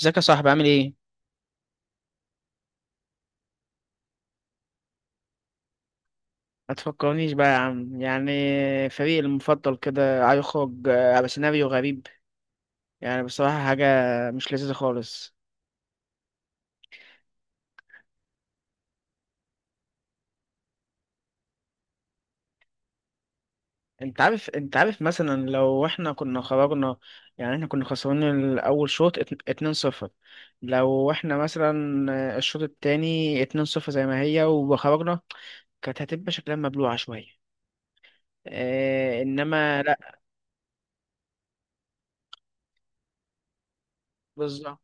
ازيك يا صاحبي، عامل ايه؟ ما تفكرنيش بقى يا عم، يعني فريقي المفضل كده هيخرج بسيناريو غريب. يعني بصراحة حاجة مش لذيذة خالص. انت عارف مثلا لو احنا كنا خرجنا، يعني احنا كنا خسرانين الأول شوط 2-0. لو احنا مثلا الشوط التاني 2-0 زي ما هي وخرجنا، كانت هتبقى شكلها مبلوعة شوية. اه انما لا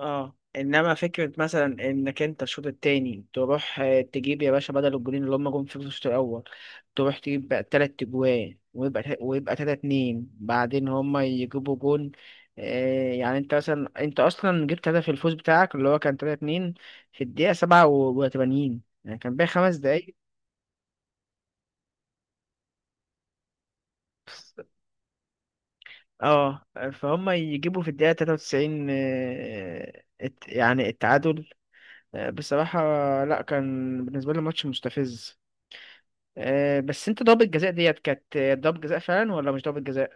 اه انما فكره مثلا انك انت الشوط التاني تروح تجيب يا باشا بدل الجولين اللي هم جم في الشوط الاول، تروح تجيب بقى 3 اجوان ويبقى ويبقى 3-2، بعدين هم يجيبوا جون. يعني انت مثلا انت اصلا جبت هدف الفوز بتاعك اللي هو كان 3-2 في الدقيقه 87، يعني كان باقي 5 دقايق. اه. فهم يجيبوا في الدقيقة 93 يعني التعادل. بصراحة لا، كان بالنسبة لي ماتش مستفز. بس انت ضربة جزاء ديت كانت ضربة جزاء فعلا ولا مش ضربة جزاء؟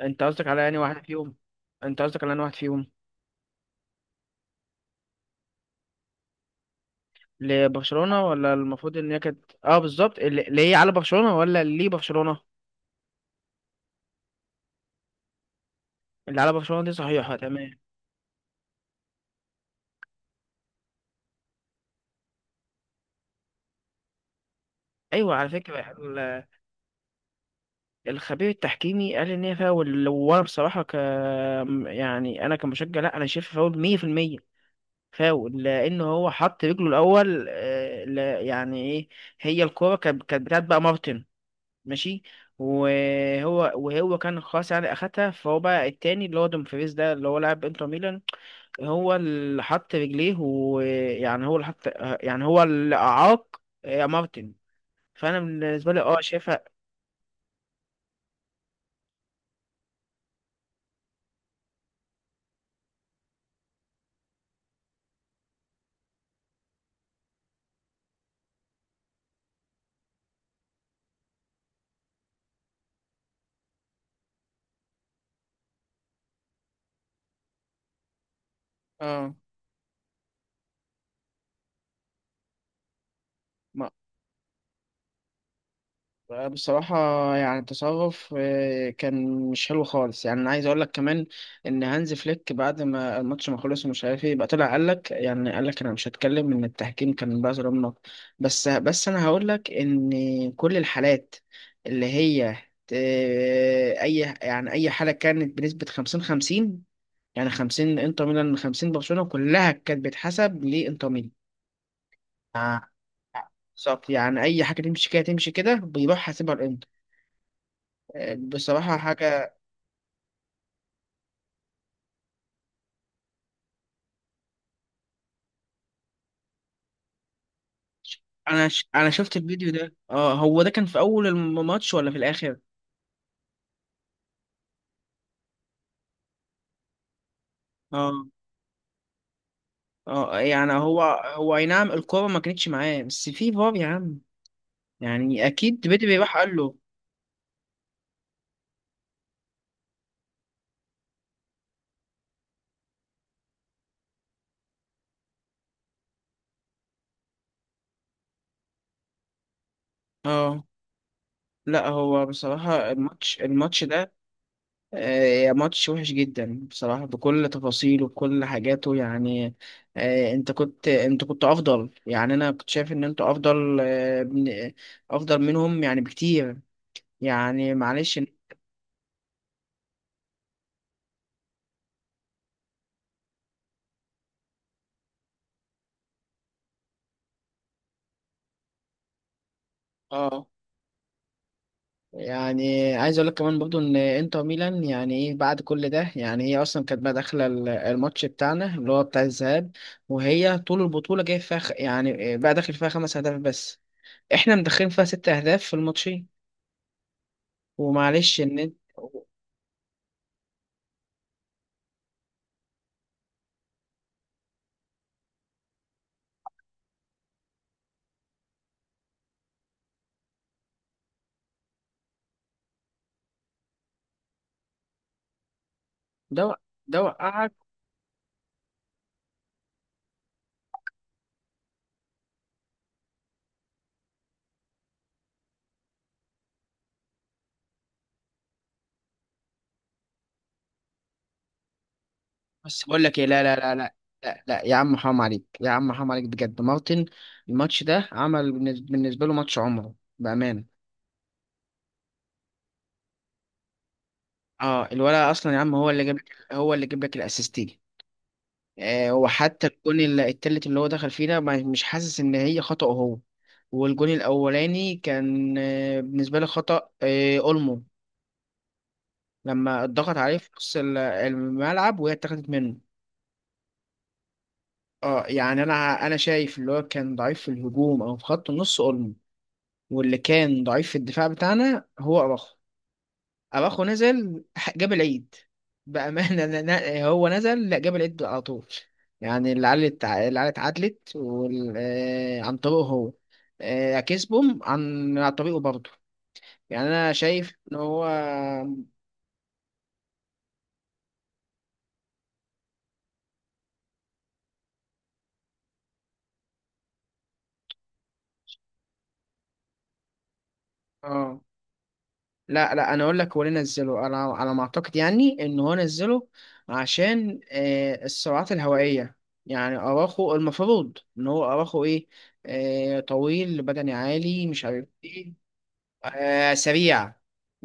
انت قصدك على انهي واحد فيهم؟ انت قصدك على انهي واحد فيهم؟ لبرشلونة، ولا المفروض ان هي كانت اه بالظبط، اللي هي على برشلونة ولا اللي برشلونة؟ اللي على برشلونة دي صحيحة تمام. ايوه، على فكرة الخبير التحكيمي قال ان هي فاول، وانا بصراحة يعني انا كمشجع، لا انا شايف فاول 100%. فاول لان هو حط رجله الاول يعني ايه، هي الكوره كانت بتاعت بقى مارتن. ماشي. وهو كان خلاص، يعني اخدها، فهو بقى التاني اللي هو دومفريز، ده اللي هو لاعب انتر ميلان، هو اللي حط رجليه، ويعني هو اللي حط، يعني هو اللي اعاق مارتن. فانا بالنسبه لي اه شايفها. اه بصراحة، يعني التصرف كان مش حلو خالص. يعني أنا عايز أقول لك كمان إن هانز فليك بعد ما الماتش ما خلص، ومش عارف إيه بقى، طلع قال لك، يعني قال لك أنا مش هتكلم إن التحكيم كان بقى ظلمنا. بس أنا هقول لك إن كل الحالات اللي هي أي، يعني أي حالة كانت بنسبة 50-50، يعني 50 إنتر ميلان 50 برشلونة، كلها كانت بتحسب لإنتر ميلان. آه، بالظبط، يعني أي حاجة تمشي كده تمشي كده بيروح حاسبها الإنتر. بصراحة حاجة. أنا شفت الفيديو ده. اه، هو ده كان في أول الماتش ولا في الآخر؟ اه اه. يعني هو، هو أي نعم الكورة ما كانتش معاه، بس في فار يا عم، يعني أكيد بدري راح قال له. اه. لا، هو بصراحة الماتش ده آه ماتش وحش جدا بصراحة، بكل تفاصيله بكل حاجاته. يعني آه انت كنت افضل، يعني انا كنت شايف ان انت افضل افضل منهم يعني بكتير. يعني معلش. اه، يعني عايز اقول لك كمان برضو ان انتر ميلان يعني ايه بعد كل ده. يعني هي اصلا كانت بقى داخله الماتش بتاعنا اللي هو بتاع الذهاب، وهي طول البطوله جايه فيها يعني بقى داخل فيها 5 اهداف بس. احنا مدخلين فيها 6 اهداف في الماتشين. ومعلش ان انت ده وق- ده وقعك. بس بقول لك ايه، لا لا لا لا، لا لا يا عم، حرام عليك يا عم، حرام عليك بجد. مارتن الماتش ده عمل بالنسبه له ماتش عمره بامانه. اه الولد اصلا يا عم هو اللي جاب، هو اللي جاب لك الاسيستين. وحتى الجون التالت اللي هو دخل فيه ده، مش حاسس ان هي خطأ هو. والجون الاولاني كان بالنسبه لي خطأ اولمو، لما اتضغط عليه في نص الملعب وهي اتاخدت منه. اه يعني انا شايف اللي هو كان ضعيف في الهجوم او في خط النص اولمو، واللي كان ضعيف في الدفاع بتاعنا هو اراخو. اراخو نزل جاب العيد بامانه. هو نزل، لا جاب العيد على طول. يعني اللي علت عدلت وال... آه، عن طريقه هو. كسبهم عن طريقه برضه. يعني انا شايف ان هو اه، لا لا انا اقول لك هو ليه نزله. انا على ما اعتقد يعني ان هو نزله عشان السرعات الهوائيه. يعني اراخو، المفروض ان هو اراخو ايه، طويل، بدني عالي، مش عارف ايه، سريع.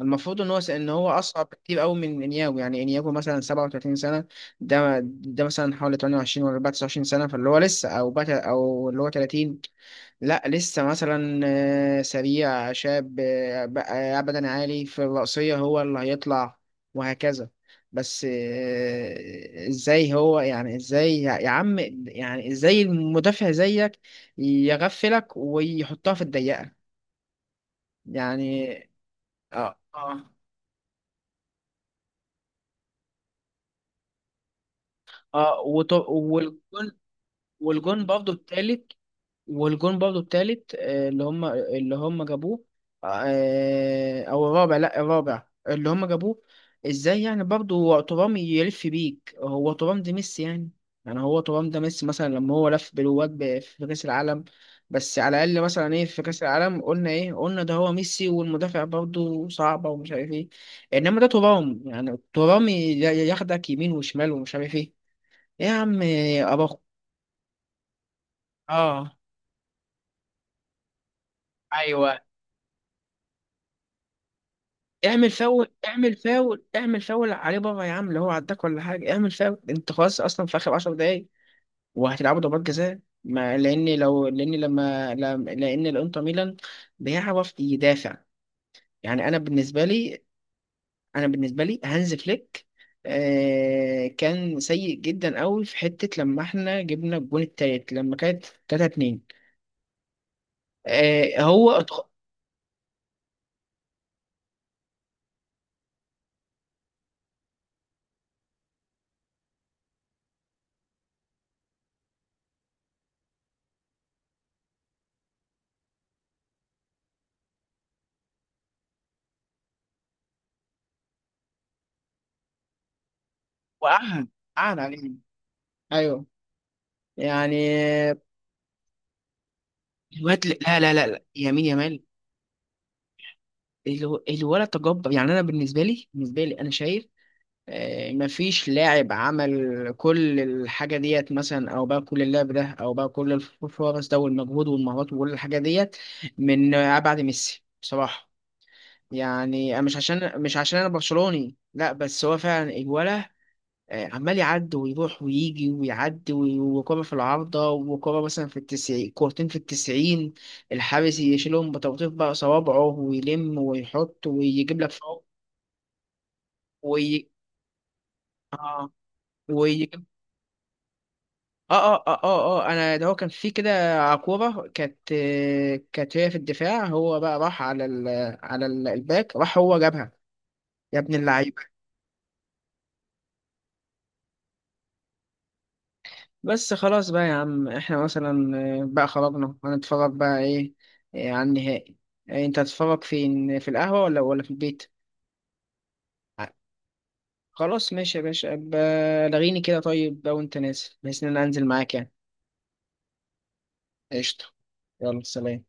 المفروض ان هو ان هو اصعب كتير قوي من انياجو، يعني انياجو مثلا 37 سنه، ده مثلا حوالي 28 ولا 29 سنه، فاللي هو لسه او بقى او اللي هو 30، لا لسه مثلا سريع شاب بقى ابدا عالي في الرأسيه هو اللي هيطلع وهكذا. بس ازاي هو، يعني ازاي يا عم، يعني ازاي المدافع زيك يغفلك ويحطها في الضيقه؟ يعني اه اه والجون، والجون برضه التالت، اللي هم جابوه او الرابع، لا الرابع اللي هم جابوه. ازاي يعني برضه هو ترام يلف بيك؟ هو ترام ده ميسي يعني، يعني هو ترام ده ميسي، مثلا لما هو لف بالواد في كاس العالم، بس على الاقل مثلا، ايه في كاس العالم، قلنا ايه، قلنا ده هو ميسي والمدافع برضه صعبه ومش عارف ايه. انما ده ترام، يعني ترام ياخدك يمين وشمال ومش عارف ايه. إيه يا عم؟ ابو أخ- اه ايوه، اعمل فاول، اعمل فاول، اعمل فاول عليه بره يا عم، اللي هو عداك ولا حاجه، اعمل فاول، انت خلاص اصلا في اخر 10 دقايق وهتلعبوا ضربات جزاء. ما لان لو لان لما لم- لان الانتر ميلان بيعرف يدافع. يعني انا بالنسبه لي هانز فليك كان سيء جدا قوي في حته، لما احنا جبنا الجون التالت لما كانت 3-2. آه هو اتخ- وقعها، قعد علينا يعني. الواد لا لا لا لا، يمين، يمال. الولد تجبر، يعني انا بالنسبه لي انا شايف مفيش لاعب عمل كل الحاجه ديت، مثلا او بقى كل اللعب ده، او بقى كل الفرص ده والمجهود والمهارات وكل الحاجه ديت، من بعد ميسي بصراحه. يعني مش عشان انا برشلوني، لا بس هو فعلا الولد عمال يعدي ويروح ويجي ويعدي وي- وكرة في العارضة، وكرة مثلا في التسعين، كورتين في التسعين، الحارس يشيلهم بطبطيف بقى صوابعه ويلم ويحط ويجيب لك فوق. وي... آه ويجيب. أنا ده هو كان في كده كورة، كانت كانت هي في الدفاع، هو بقى راح على الباك، راح هو جابها. يا ابن اللعيبة. بس خلاص بقى يا عم، احنا مثلا بقى خرجنا، هنتفرج بقى ايه على النهائي؟ انت هتتفرج فين، في القهوة ولا في البيت؟ ع- خلاص ماشي يا باشا. أبقى لغيني كده طيب بقى وانت نازل، بحيث ان انا انزل معاك يعني. قشطة. يلا سلام.